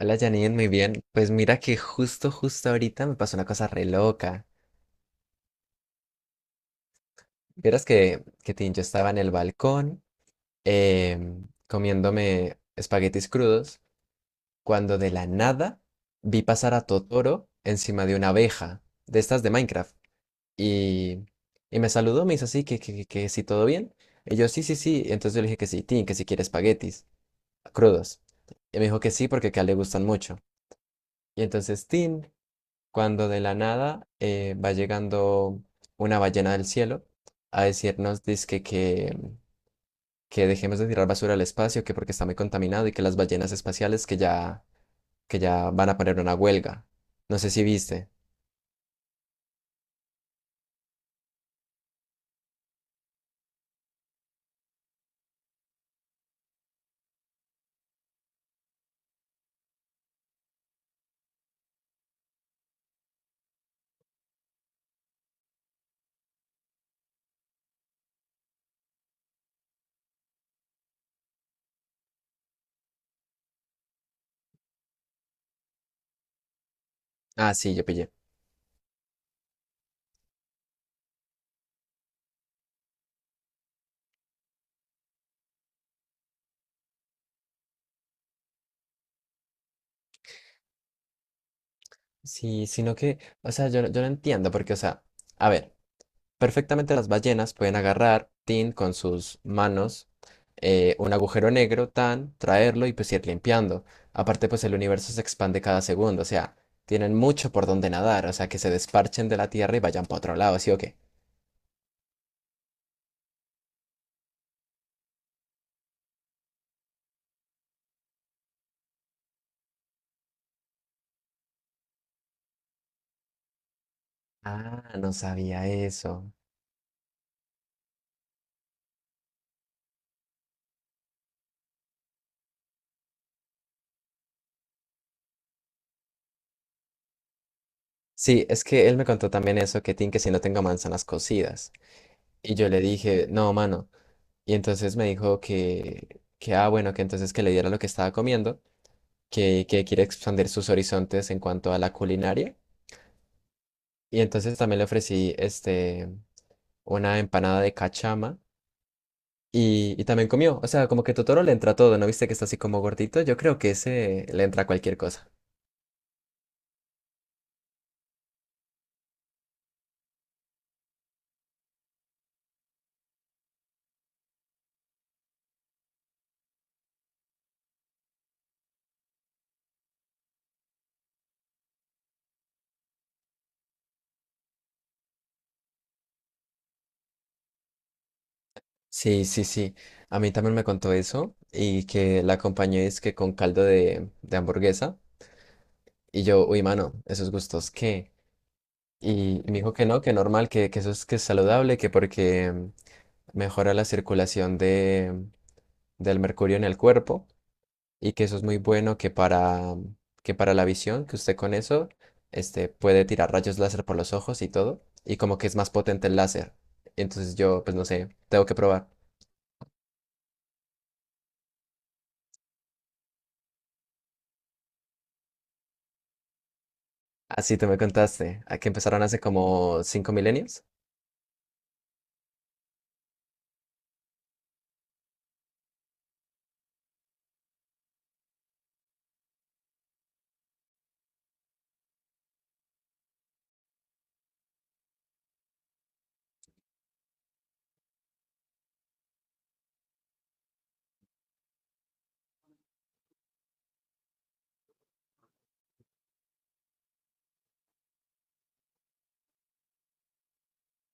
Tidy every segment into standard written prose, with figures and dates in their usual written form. Hola Janine, muy bien. Pues mira que justo ahorita me pasó una cosa re loca. Vieras que tin, yo estaba en el balcón comiéndome espaguetis crudos cuando de la nada vi pasar a Totoro encima de una abeja de estas de Minecraft. Y, y me saludó, me hizo así que si todo bien. Y yo sí, sí, sí. Entonces yo le dije que sí, Tin, que si quiere espaguetis crudos. Y me dijo que sí porque que a él le gustan mucho. Y entonces Tin cuando de la nada va llegando una ballena del cielo a decirnos dizque que dejemos de tirar basura al espacio, que porque está muy contaminado y que las ballenas espaciales que ya van a poner una huelga. No sé si viste. Ah, sí, yo pillé. Sí, sino que, o sea, yo, yo no entiendo porque, o sea, a ver. Perfectamente las ballenas pueden agarrar, tin, con sus manos, un agujero negro, tan, traerlo y pues ir limpiando. Aparte, pues el universo se expande cada segundo, o sea, tienen mucho por donde nadar, o sea, que se desparchen de la Tierra y vayan para otro lado, ¿sí o qué? Ah, no sabía eso. Sí, es que él me contó también eso, que tin, que si no tengo manzanas cocidas. Y yo le dije, no, mano. Y entonces me dijo que, ah, bueno, que entonces que le diera lo que estaba comiendo. Que quiere expandir sus horizontes en cuanto a la culinaria. Y entonces también le ofrecí una empanada de cachama y también comió. O sea, como que Totoro le entra todo, ¿no viste que está así como gordito? Yo creo que ese le entra cualquier cosa. Sí, sí, sí. A mí también me contó eso y que la acompañé es que con caldo de hamburguesa. Y yo, uy, mano, esos gustos, ¿qué? Y me dijo que no, que normal, que eso es que es saludable, que porque mejora la circulación del mercurio en el cuerpo y que eso es muy bueno que para la visión, que usted con eso puede tirar rayos láser por los ojos y todo, y como que es más potente el láser. Entonces yo, pues no sé, tengo que probar. Así te me contaste, a que empezaron hace como 5 milenios.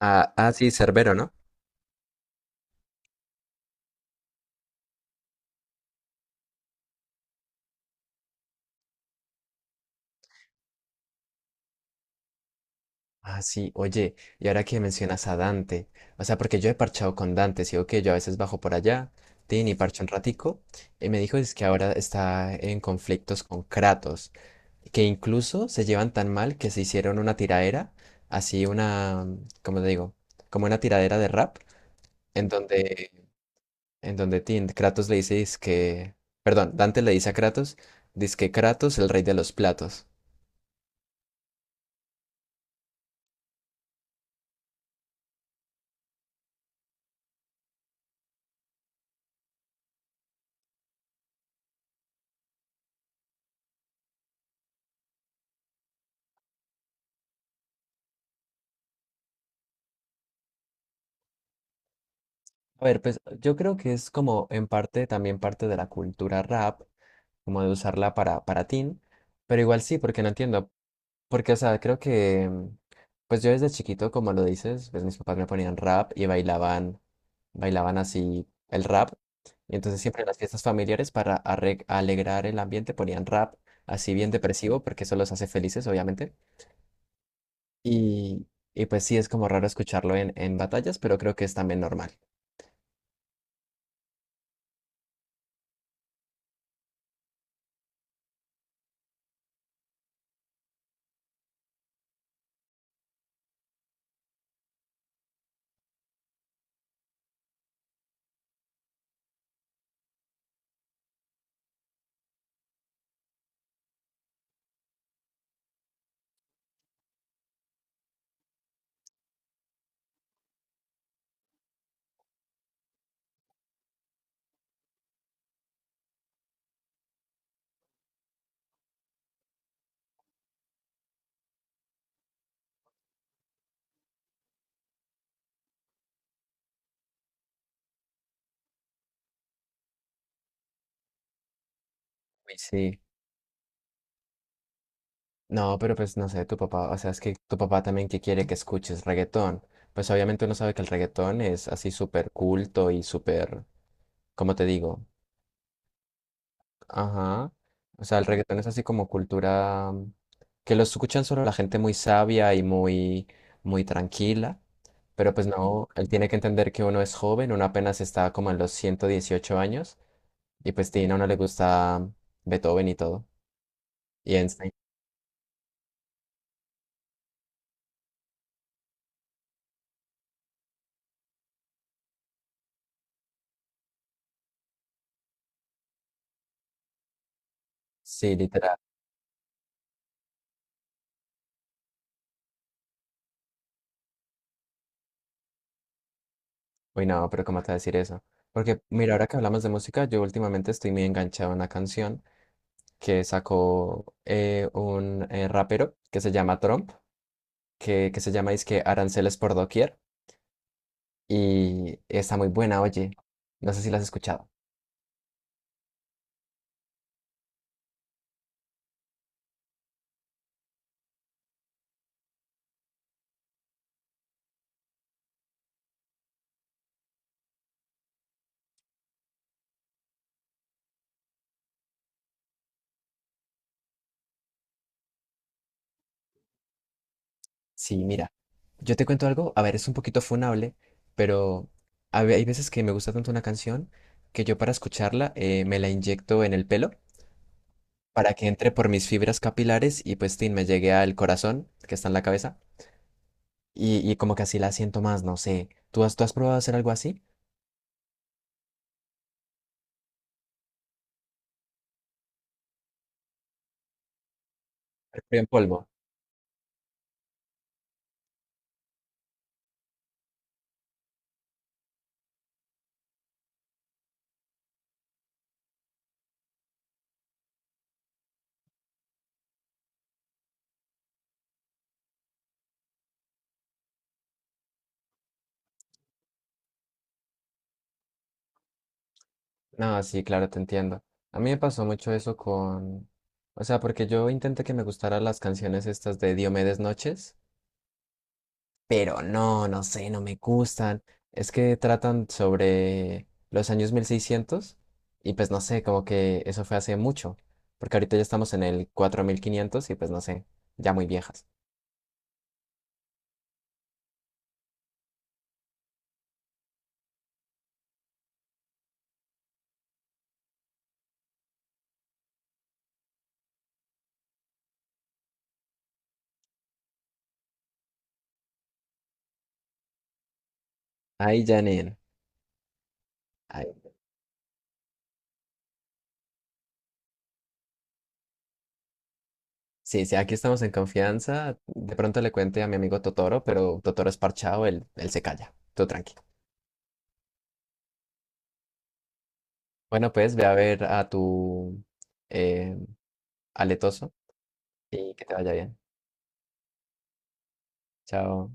Ah, sí, Cerbero, ¿no? Ah, sí, oye, y ahora que mencionas a Dante, o sea, porque yo he parchado con Dante, sí, ok, yo a veces bajo por allá, tin, y parcho un ratico, y me dijo es que ahora está en conflictos con Kratos, que incluso se llevan tan mal que se hicieron una tiradera, así una, ¿cómo te digo? Como una tiradera de rap, en donde, en donde tin, Kratos le dice que, perdón, Dante le dice a Kratos, dice que Kratos, el rey de los platos. A ver, pues yo creo que es como en parte también parte de la cultura rap, como de usarla para teen, pero igual sí, porque no entiendo, porque o sea, creo que, pues yo desde chiquito, como lo dices, pues mis papás me ponían rap y bailaban, bailaban así el rap, y entonces siempre en las fiestas familiares para alegrar el ambiente ponían rap, así bien depresivo, porque eso los hace felices, obviamente, y, y pues sí, es como raro escucharlo en batallas, pero creo que es también normal. Uy, sí. No, pero pues no sé, tu papá, o sea, es que tu papá también que quiere que escuches reggaetón. Pues obviamente uno sabe que el reggaetón es así súper culto y súper, ¿cómo te digo? Ajá. O sea, el reggaetón es así como cultura que lo escuchan solo la gente muy sabia y muy, muy tranquila. Pero pues no, él tiene que entender que uno es joven, uno apenas está como en los 118 años y pues sí, a uno le gusta Beethoven y todo. Y Einstein. Sí, literal. Uy, no, pero ¿cómo te vas a decir eso? Porque, mira, ahora que hablamos de música, yo últimamente estoy muy enganchado a una canción que sacó un rapero que se llama Trump, que se llama que Aranceles por Doquier, y está muy buena, oye. No sé si la has escuchado. Sí, mira, yo te cuento algo, a ver, es un poquito funable, pero hay veces que me gusta tanto una canción que yo para escucharla me la inyecto en el pelo para que entre por mis fibras capilares y pues, tin, me llegue al corazón, que está en la cabeza. Y como que así la siento más, no sé. ¿Tú has probado hacer algo así? Pero en polvo. No, sí, claro, te entiendo. A mí me pasó mucho eso con... O sea, porque yo intenté que me gustaran las canciones estas de Diomedes Noches, pero no, no sé, no me gustan. Es que tratan sobre los años 1600 y pues no sé, como que eso fue hace mucho, porque ahorita ya estamos en el 4500 y pues no sé, ya muy viejas. Ay, Janine. Sí, sí, aquí estamos en confianza. De pronto le cuente a mi amigo Totoro, pero Totoro es parchado, él se calla. Tú tranqui. Bueno, pues ve a ver a tu eh, aletoso y que te vaya bien. Chao.